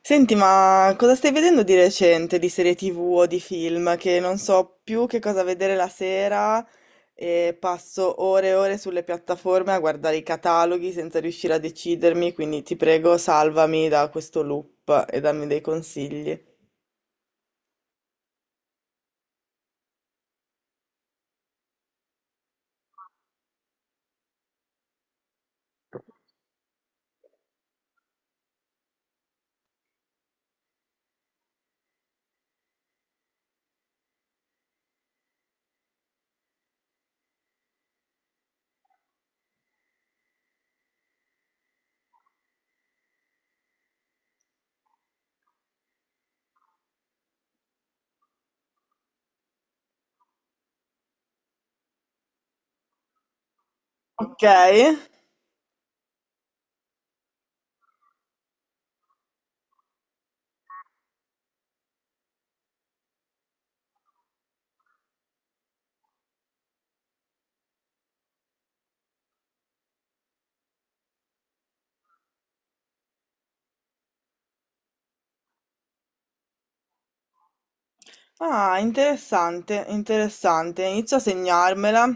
Senti, ma cosa stai vedendo di recente, di serie TV o di film? Che non so più che cosa vedere la sera e passo ore e ore sulle piattaforme a guardare i cataloghi senza riuscire a decidermi, quindi ti prego, salvami da questo loop e dammi dei consigli. Ok? Ah, interessante, interessante. Inizio a segnarmela,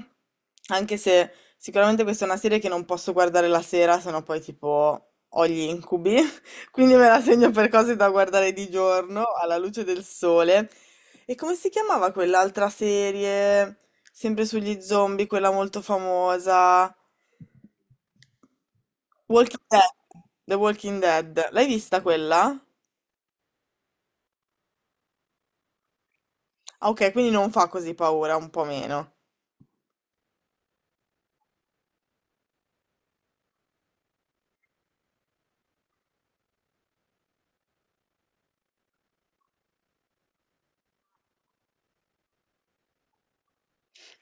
anche se sicuramente questa è una serie che non posso guardare la sera, sennò poi tipo ho gli incubi. Quindi me la segno per cose da guardare di giorno, alla luce del sole. E come si chiamava quell'altra serie, sempre sugli zombie, quella molto famosa? Walking Dead. The Walking Dead. L'hai vista quella? Ah, ok, quindi non fa così paura, un po' meno.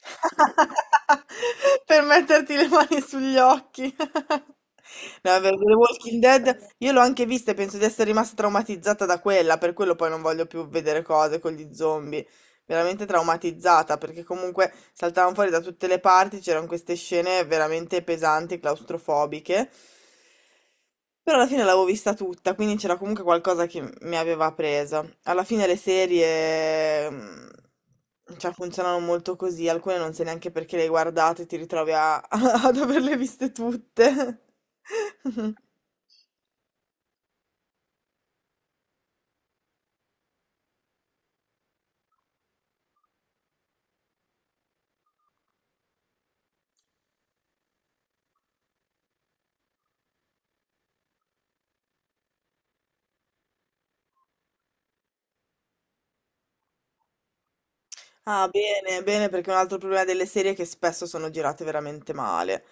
Per metterti le mani sugli occhi. No, per The Walking Dead io l'ho anche vista e penso di essere rimasta traumatizzata da quella, per quello poi non voglio più vedere cose con gli zombie. Veramente traumatizzata, perché comunque saltavano fuori da tutte le parti, c'erano queste scene veramente pesanti, claustrofobiche. Però alla fine l'avevo vista tutta, quindi c'era comunque qualcosa che mi aveva presa. Alla fine le serie, cioè, funzionano molto così, alcune non sai neanche perché le hai guardate, ti ritrovi ad averle viste tutte. Ah, bene, bene, perché un altro problema delle serie è che spesso sono girate veramente male.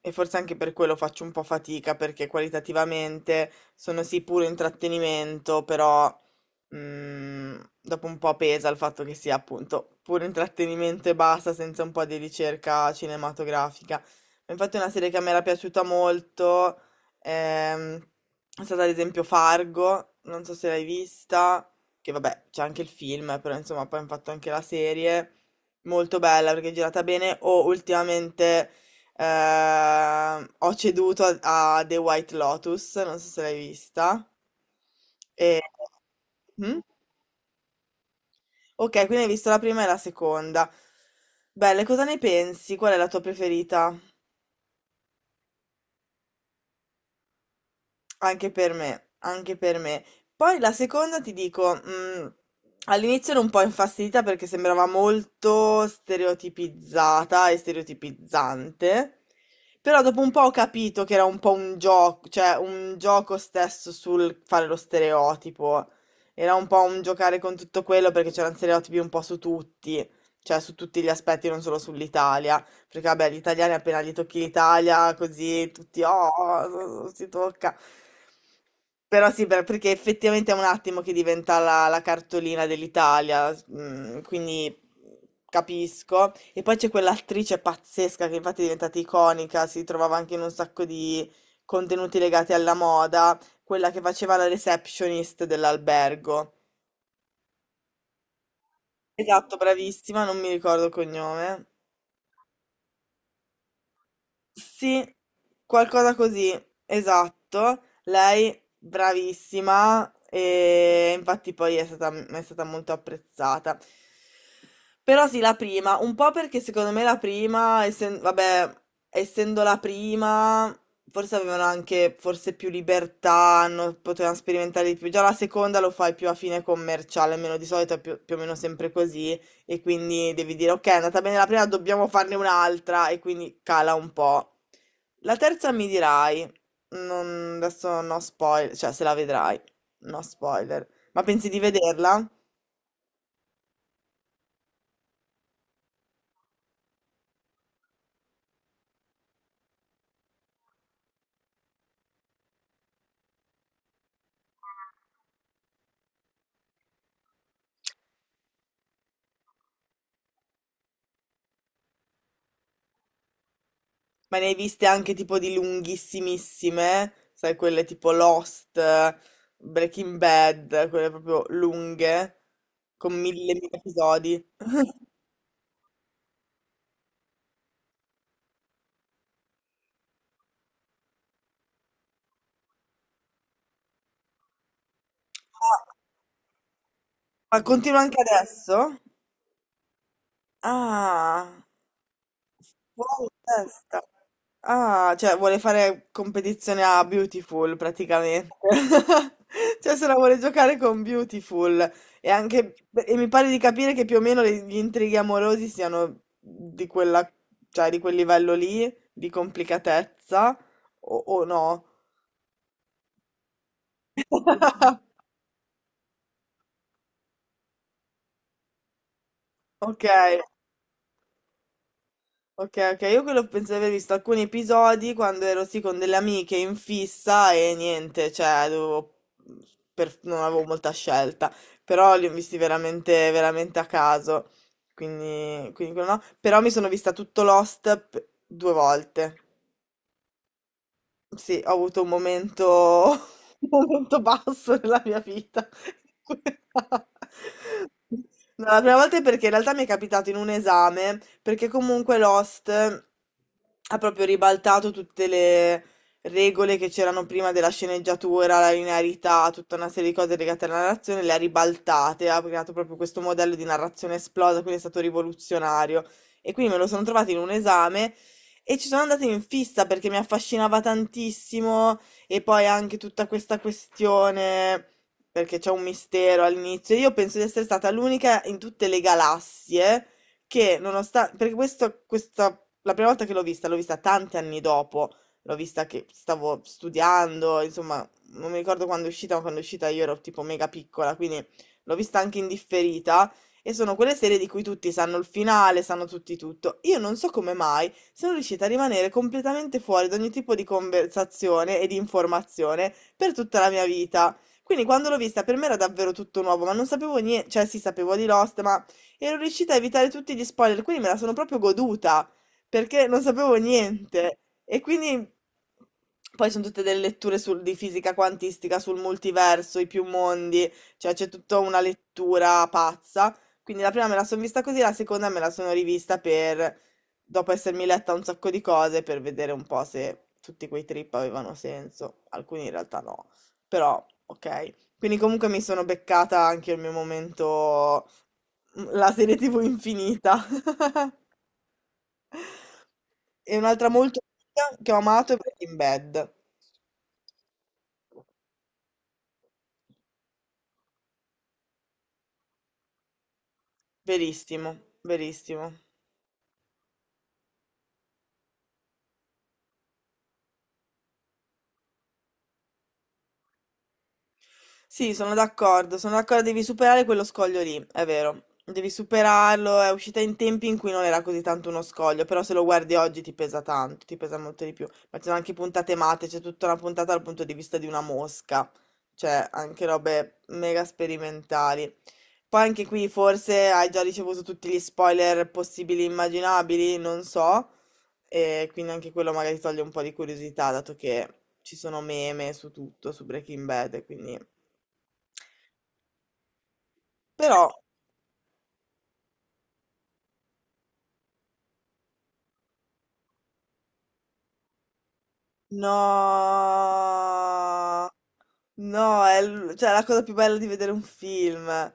E forse anche per quello faccio un po' fatica, perché qualitativamente sono sì puro intrattenimento, però dopo un po' pesa il fatto che sia appunto puro intrattenimento e basta, senza un po' di ricerca cinematografica. Infatti una serie che a me era piaciuta molto è stata ad esempio Fargo, non so se l'hai vista, che vabbè, c'è anche il film, però insomma poi hanno fatto anche la serie, molto bella perché è girata bene, o ultimamente ho ceduto a The White Lotus, non so se l'hai vista. E... Mm? Ok, quindi hai visto la prima e la seconda. Belle, cosa ne pensi? Qual è la tua preferita? Anche per me, anche per me. Poi la seconda ti dico, all'inizio ero un po' infastidita perché sembrava molto stereotipizzata e stereotipizzante, però dopo un po' ho capito che era un po' un gioco, cioè un gioco stesso sul fare lo stereotipo. Era un po' un giocare con tutto quello perché c'erano stereotipi un po' su tutti, cioè su tutti gli aspetti, non solo sull'Italia. Perché vabbè, gli italiani appena gli tocchi l'Italia, così tutti, oh, oh, si tocca. Però sì, perché effettivamente è un attimo che diventa la cartolina dell'Italia, quindi capisco. E poi c'è quell'attrice pazzesca che infatti è diventata iconica, si trovava anche in un sacco di contenuti legati alla moda, quella che faceva la receptionist dell'albergo. Esatto, bravissima, non mi ricordo il cognome. Sì, qualcosa così, esatto. Lei bravissima e infatti poi è stata molto apprezzata. Però sì, la prima, un po' perché secondo me la prima, vabbè, essendo la prima, forse avevano anche forse più libertà, potevano sperimentare di più. Già la seconda lo fai più a fine commerciale, almeno di solito è più o meno sempre così. E quindi devi dire, ok, è andata bene la prima, dobbiamo farne un'altra, e quindi cala un po'. La terza mi dirai, adesso no spoiler, cioè se la vedrai, no spoiler. Ma pensi di vederla? Ma ne hai viste anche tipo di lunghissimissime, sai, quelle tipo Lost, Breaking Bad, quelle proprio lunghe, con mille, mille episodi. Ah, ma continua anche adesso? Ah. Wow, testa. Ah, cioè vuole fare competizione a Beautiful praticamente. Cioè se la vuole giocare con Beautiful e anche e mi pare di capire che più o meno gli intrighi amorosi siano di quella, cioè di quel livello lì di complicatezza o no? Ok. Ok, ok, io quello penso di aver visto alcuni episodi quando ero sì con delle amiche in fissa e niente, cioè non avevo molta scelta, però li ho visti veramente, veramente a caso, quindi, quindi quello no. Però mi sono vista tutto Lost due volte. Sì, ho avuto un momento, un momento basso nella mia vita. No, la prima volta è perché in realtà mi è capitato in un esame, perché comunque Lost ha proprio ribaltato tutte le regole che c'erano prima della sceneggiatura, la linearità, tutta una serie di cose legate alla narrazione, le ha ribaltate, ha creato proprio questo modello di narrazione esplosa, quindi è stato rivoluzionario. E quindi me lo sono trovato in un esame. E ci sono andata in fissa perché mi affascinava tantissimo e poi anche tutta questa questione, perché c'è un mistero all'inizio. Io penso di essere stata l'unica in tutte le galassie che, nonostante, perché questo, questa, la prima volta che l'ho vista tanti anni dopo, l'ho vista che stavo studiando, insomma, non mi ricordo quando è uscita, ma quando è uscita io ero tipo mega piccola, quindi l'ho vista anche in differita. E sono quelle serie di cui tutti sanno il finale, sanno tutti tutto. Io non so come mai sono riuscita a rimanere completamente fuori da ogni tipo di conversazione e di informazione per tutta la mia vita. Quindi quando l'ho vista per me era davvero tutto nuovo, ma non sapevo niente, cioè sì, sapevo di Lost, ma ero riuscita a evitare tutti gli spoiler, quindi me la sono proprio goduta, perché non sapevo niente. E quindi poi sono tutte delle letture di fisica quantistica, sul multiverso, i più mondi, cioè c'è tutta una lettura pazza. Quindi la prima me la sono vista così, la seconda me la sono rivista per dopo essermi letta un sacco di cose per vedere un po' se tutti quei trip avevano senso, alcuni in realtà no, però ok. Quindi comunque mi sono beccata anche il mio momento, la serie TV infinita. E un'altra molto figa che ho amato è Breaking Bad. Verissimo, verissimo. Sì, sono d'accordo, devi superare quello scoglio lì, è vero. Devi superarlo, è uscita in tempi in cui non era così tanto uno scoglio, però se lo guardi oggi ti pesa tanto, ti pesa molto di più. Ma ci sono anche puntate matte, c'è tutta una puntata dal punto di vista di una mosca, cioè anche robe mega sperimentali. Poi anche qui forse hai già ricevuto tutti gli spoiler possibili e immaginabili, non so, e quindi anche quello magari toglie un po' di curiosità, dato che ci sono meme su tutto, su Breaking Bad, e quindi... Però, no, no, cioè, la cosa più bella di vedere un film.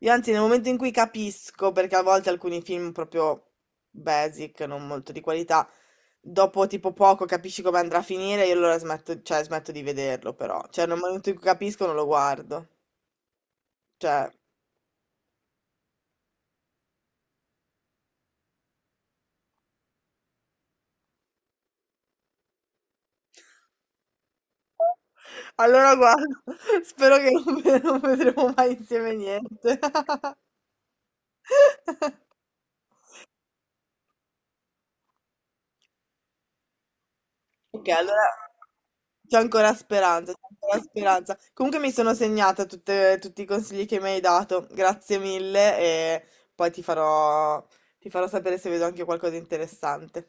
Io anzi, nel momento in cui capisco, perché a volte alcuni film proprio basic, non molto di qualità, dopo tipo poco capisci come andrà a finire, io allora smetto, cioè, smetto di vederlo, però. Cioè, nel momento in cui capisco non lo guardo. Cioè... Allora guarda, spero che non vedremo mai insieme niente. Ok, allora c'è ancora speranza, c'è ancora speranza. Comunque mi sono segnata tutti i consigli che mi hai dato, grazie mille e poi ti farò sapere se vedo anche qualcosa di interessante.